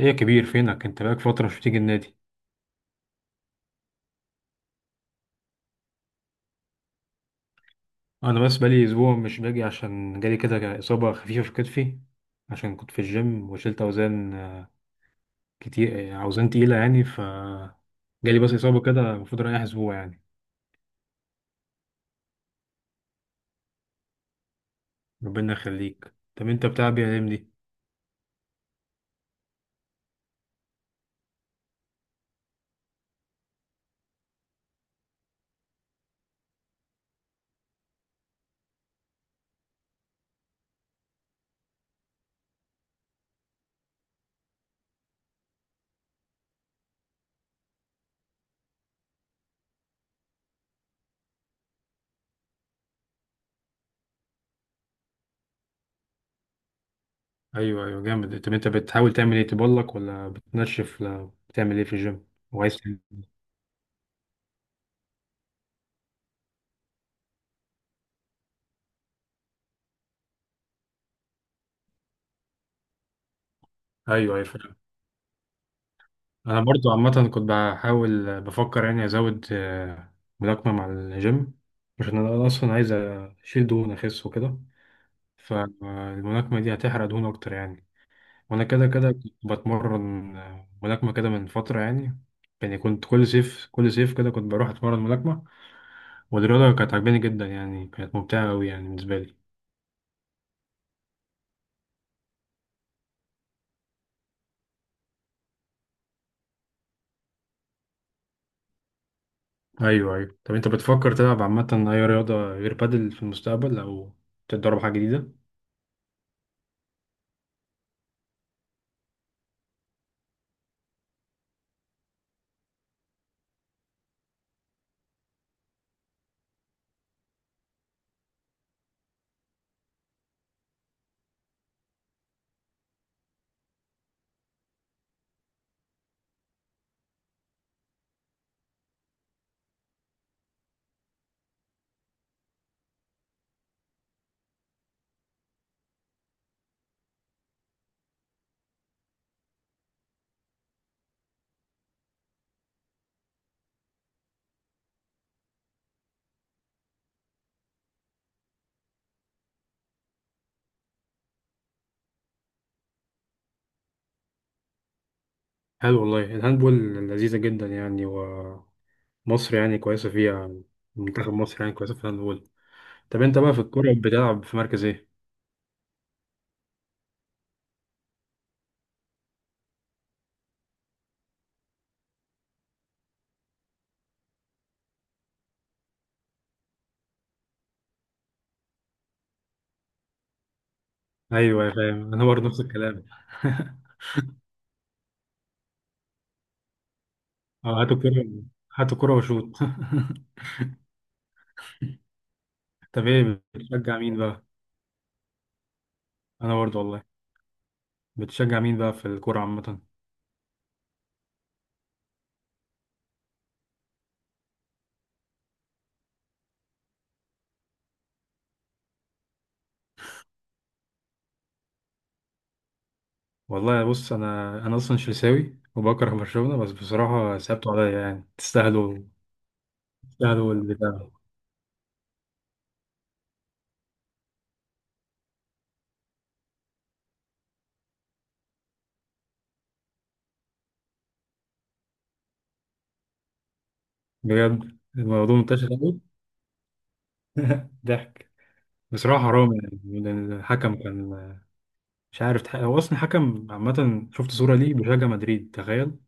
ايه يا كبير، فينك انت؟ بقالك فترة مش بتيجي النادي. انا بس بقالي اسبوع مش باجي، عشان جالي كده اصابة خفيفة في كتفي. عشان كنت في الجيم وشلت اوزان كتير، اوزان تقيلة يعني ف جالي بس اصابة كده، المفروض رايح اسبوع يعني. ربنا يخليك. طب انت بتاع بي دي؟ ايوه، ايوه، جامد. طب انت بتحاول تعمل ايه؟ تبلك ولا بتنشف ولا بتعمل ايه في الجيم وعايز تعمل إيه؟ ايوه، ايوه، فاهم. انا برضو عامه كنت بحاول بفكر يعني ازود ملاكمه مع الجيم، عشان انا اصلا عايز اشيل دهون اخس وكده. فالملاكمه دي هتحرق دهون اكتر يعني. وانا كده كده كنت بتمرن ملاكمه كده من فتره يعني. يعني كنت كل صيف كل صيف كده كنت بروح اتمرن ملاكمه. والرياضه كانت عجباني جدا، يعني كانت ممتعه قوي يعني بالنسبه لي. ايوه، ايوه. طب انت بتفكر تلعب عامه اي رياضه غير بادل في المستقبل، او تتدرب حاجه جديده؟ حلو والله، الهاندبول لذيذة جدا يعني. ومصر يعني كويسة فيها، منتخب مصر يعني كويسة في الهاندبول. طب انت بقى في الكورة بتلعب في مركز ايه؟ ايوه يا فاهم، انا برضه نفس الكلام. اه، هاتوا كورة، هاتوا كورة وشوط طب ايه بتشجع مين بقى؟ انا برضه والله. بتشجع مين بقى في الكورة عامة؟ والله بص، انا اصلا شلساوي وبكره برشلونة، بس بصراحة سابتوا عليا. يعني تستاهلوا تستاهلوا البتاع. بجد الموضوع منتشر قوي. ضحك. بصراحة حرام يعني، لأن الحكم كان مش عارف هو أصلا حكم. عامة شفت صورة ليه بيشجع مدريد، تخيل.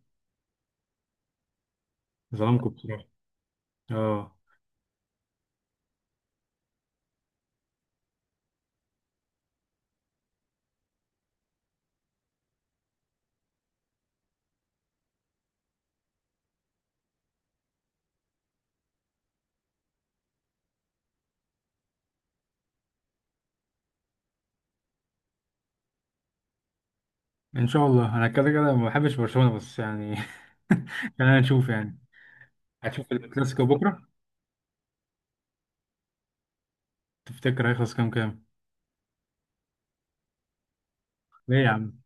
ظلمكم بصراحة. اه، إن شاء الله. أنا كده كده ما بحبش برشلونة بس يعني خلينا نشوف يعني. هتشوف الكلاسيكو بكرة؟ تفتكر هيخلص كام كام؟ ليه يا عم؟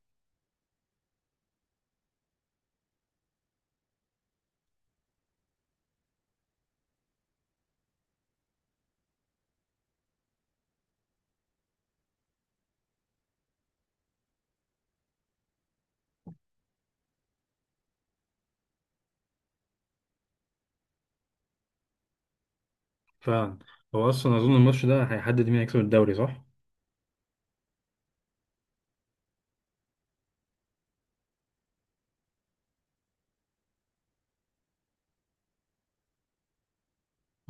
فعلا. هو أصلا أظن الماتش ده هيحدد مين هيكسب الدوري، صح؟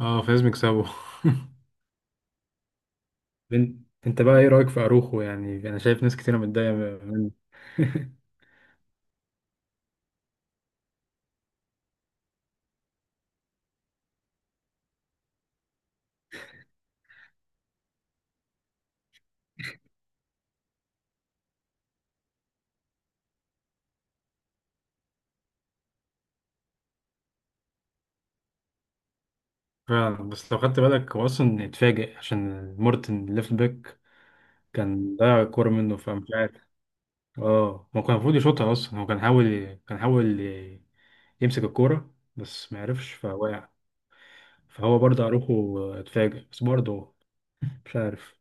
اه، فلازم يكسبوا. انت بقى ايه رأيك في اروخو؟ يعني انا شايف ناس كتيرة متضايقة منه. فعلا، بس لو خدت بالك هو اصلا اتفاجئ، عشان مورتن ليفت باك كان ضيع الكوره منه، فمش عارف. اه، هو كان المفروض يشوطها اصلا. هو كان حاول يمسك الكوره، بس ما عرفش فوقع. فهو برضه اروخو اتفاجئ، بس برضه مش عارف.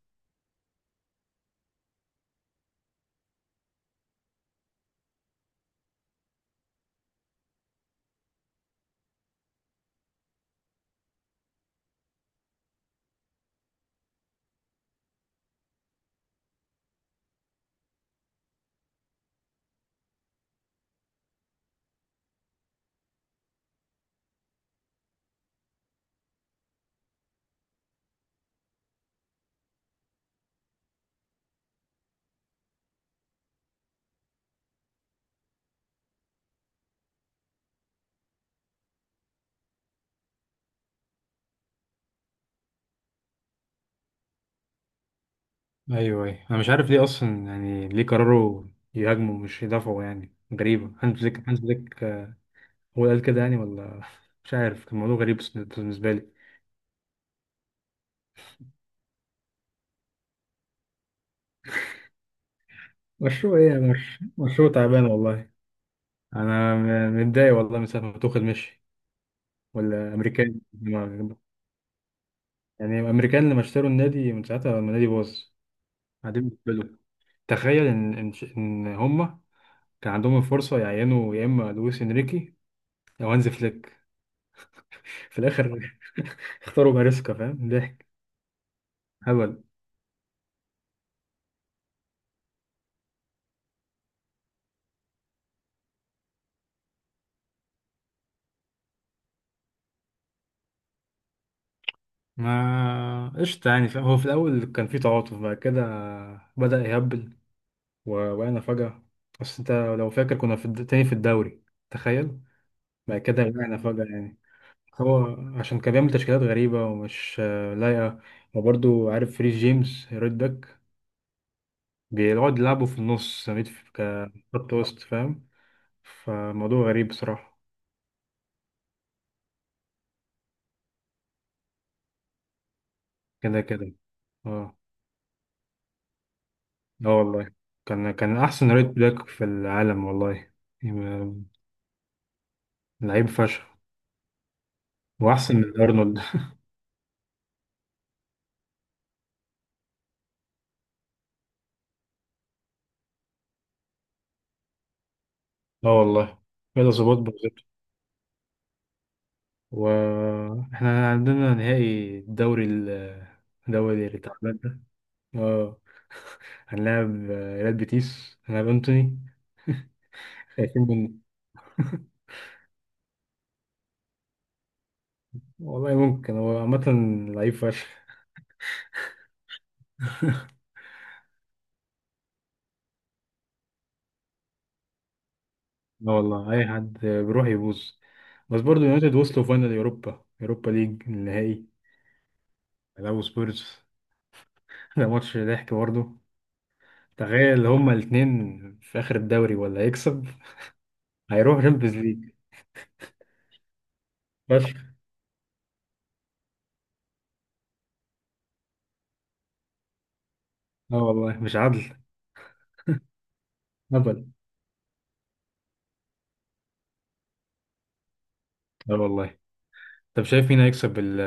ايوه، ايوه، انا مش عارف ليه اصلا. يعني ليه قرروا يهاجموا مش يدافعوا؟ يعني غريبه. هانز فليك هو اللي قال كده يعني ولا مش عارف. كان موضوع غريب بالنسبه لي. مشروع ايه يا! مش مشروع، تعبان والله. انا متضايق والله من ساعه ما توخيل مشي. والامريكان. يعني الامريكان لما اشتروا النادي، من ساعتها لما النادي باظ. قاعدين بيقبلوا. تخيل ان هم كان عندهم الفرصه يعينوا يا اما لويس انريكي، او هانز فليك. في الاخر اختاروا ماريسكا، فاهم، ضحك. هبل. ما قشطة يعني، فاهم. هو في الأول كان في تعاطف، بعد كده بدأ يهبل وقعنا فجأة. بس أنت لو فاكر كنا في تاني في الدوري، تخيل. بعد كده وقعنا فجأة يعني. هو عشان كان بيعمل تشكيلات غريبة ومش لايقة. وبرضه عارف، فريز جيمس رايت باك بيقعد يلعبه في النص ميد كخط وسط، فاهم. فالموضوع غريب بصراحة. كده كده. اه. اه والله، كان أحسن رايت باك في العالم والله. يبقى لعيب فشخ. وأحسن من أرنولد. اه والله، كده ظباط بالظبط. واحنا عندنا نهائي الدوري الدوري اللي تعبان ده. اه. هنلاعب ريال بيتيس، هنلاعب انتوني. خايفين منه. والله ممكن، هو عامة لعيب فشخ. لا والله، أي حد بيروح يبوظ. بس برضه يونايتد وصلوا فاينل، يوروبا ليج النهائي. لعبوا سبيرز. ده ماتش ضحك برضه. تخيل، هما الاتنين في آخر الدوري، ولا هيكسب هيروح شامبيونز ليج. فشخ. اه والله، مش عدل. هبل. اه والله. طب شايف مين هيكسب ال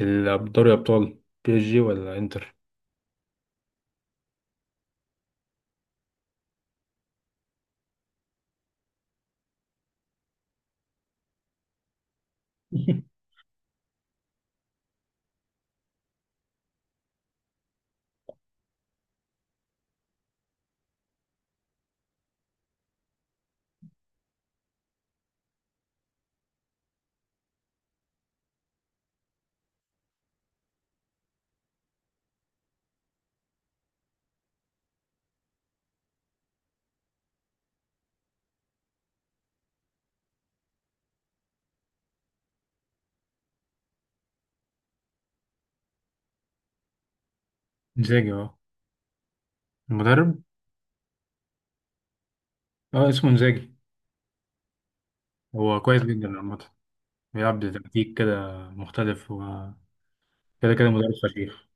ال- دوري أبطال؟ PSG ولا انتر؟ انزاجي، اه. المدرب. اه، اسمه انزاجي. هو كويس جدا عامة. بيلعب بتكتيك كده مختلف و كده كده مدرب فشيخ.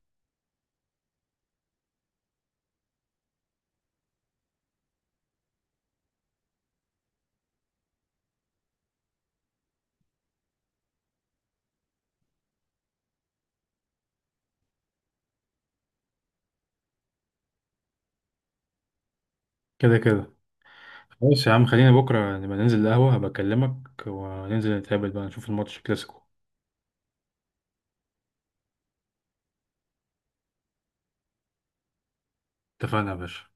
كده كده. خلاص يا عم، خلينا بكرة نبقى ننزل القهوة، هبقى أكلمك. وننزل نتقابل بقى، نشوف الماتش كلاسيكو. اتفقنا يا باشا.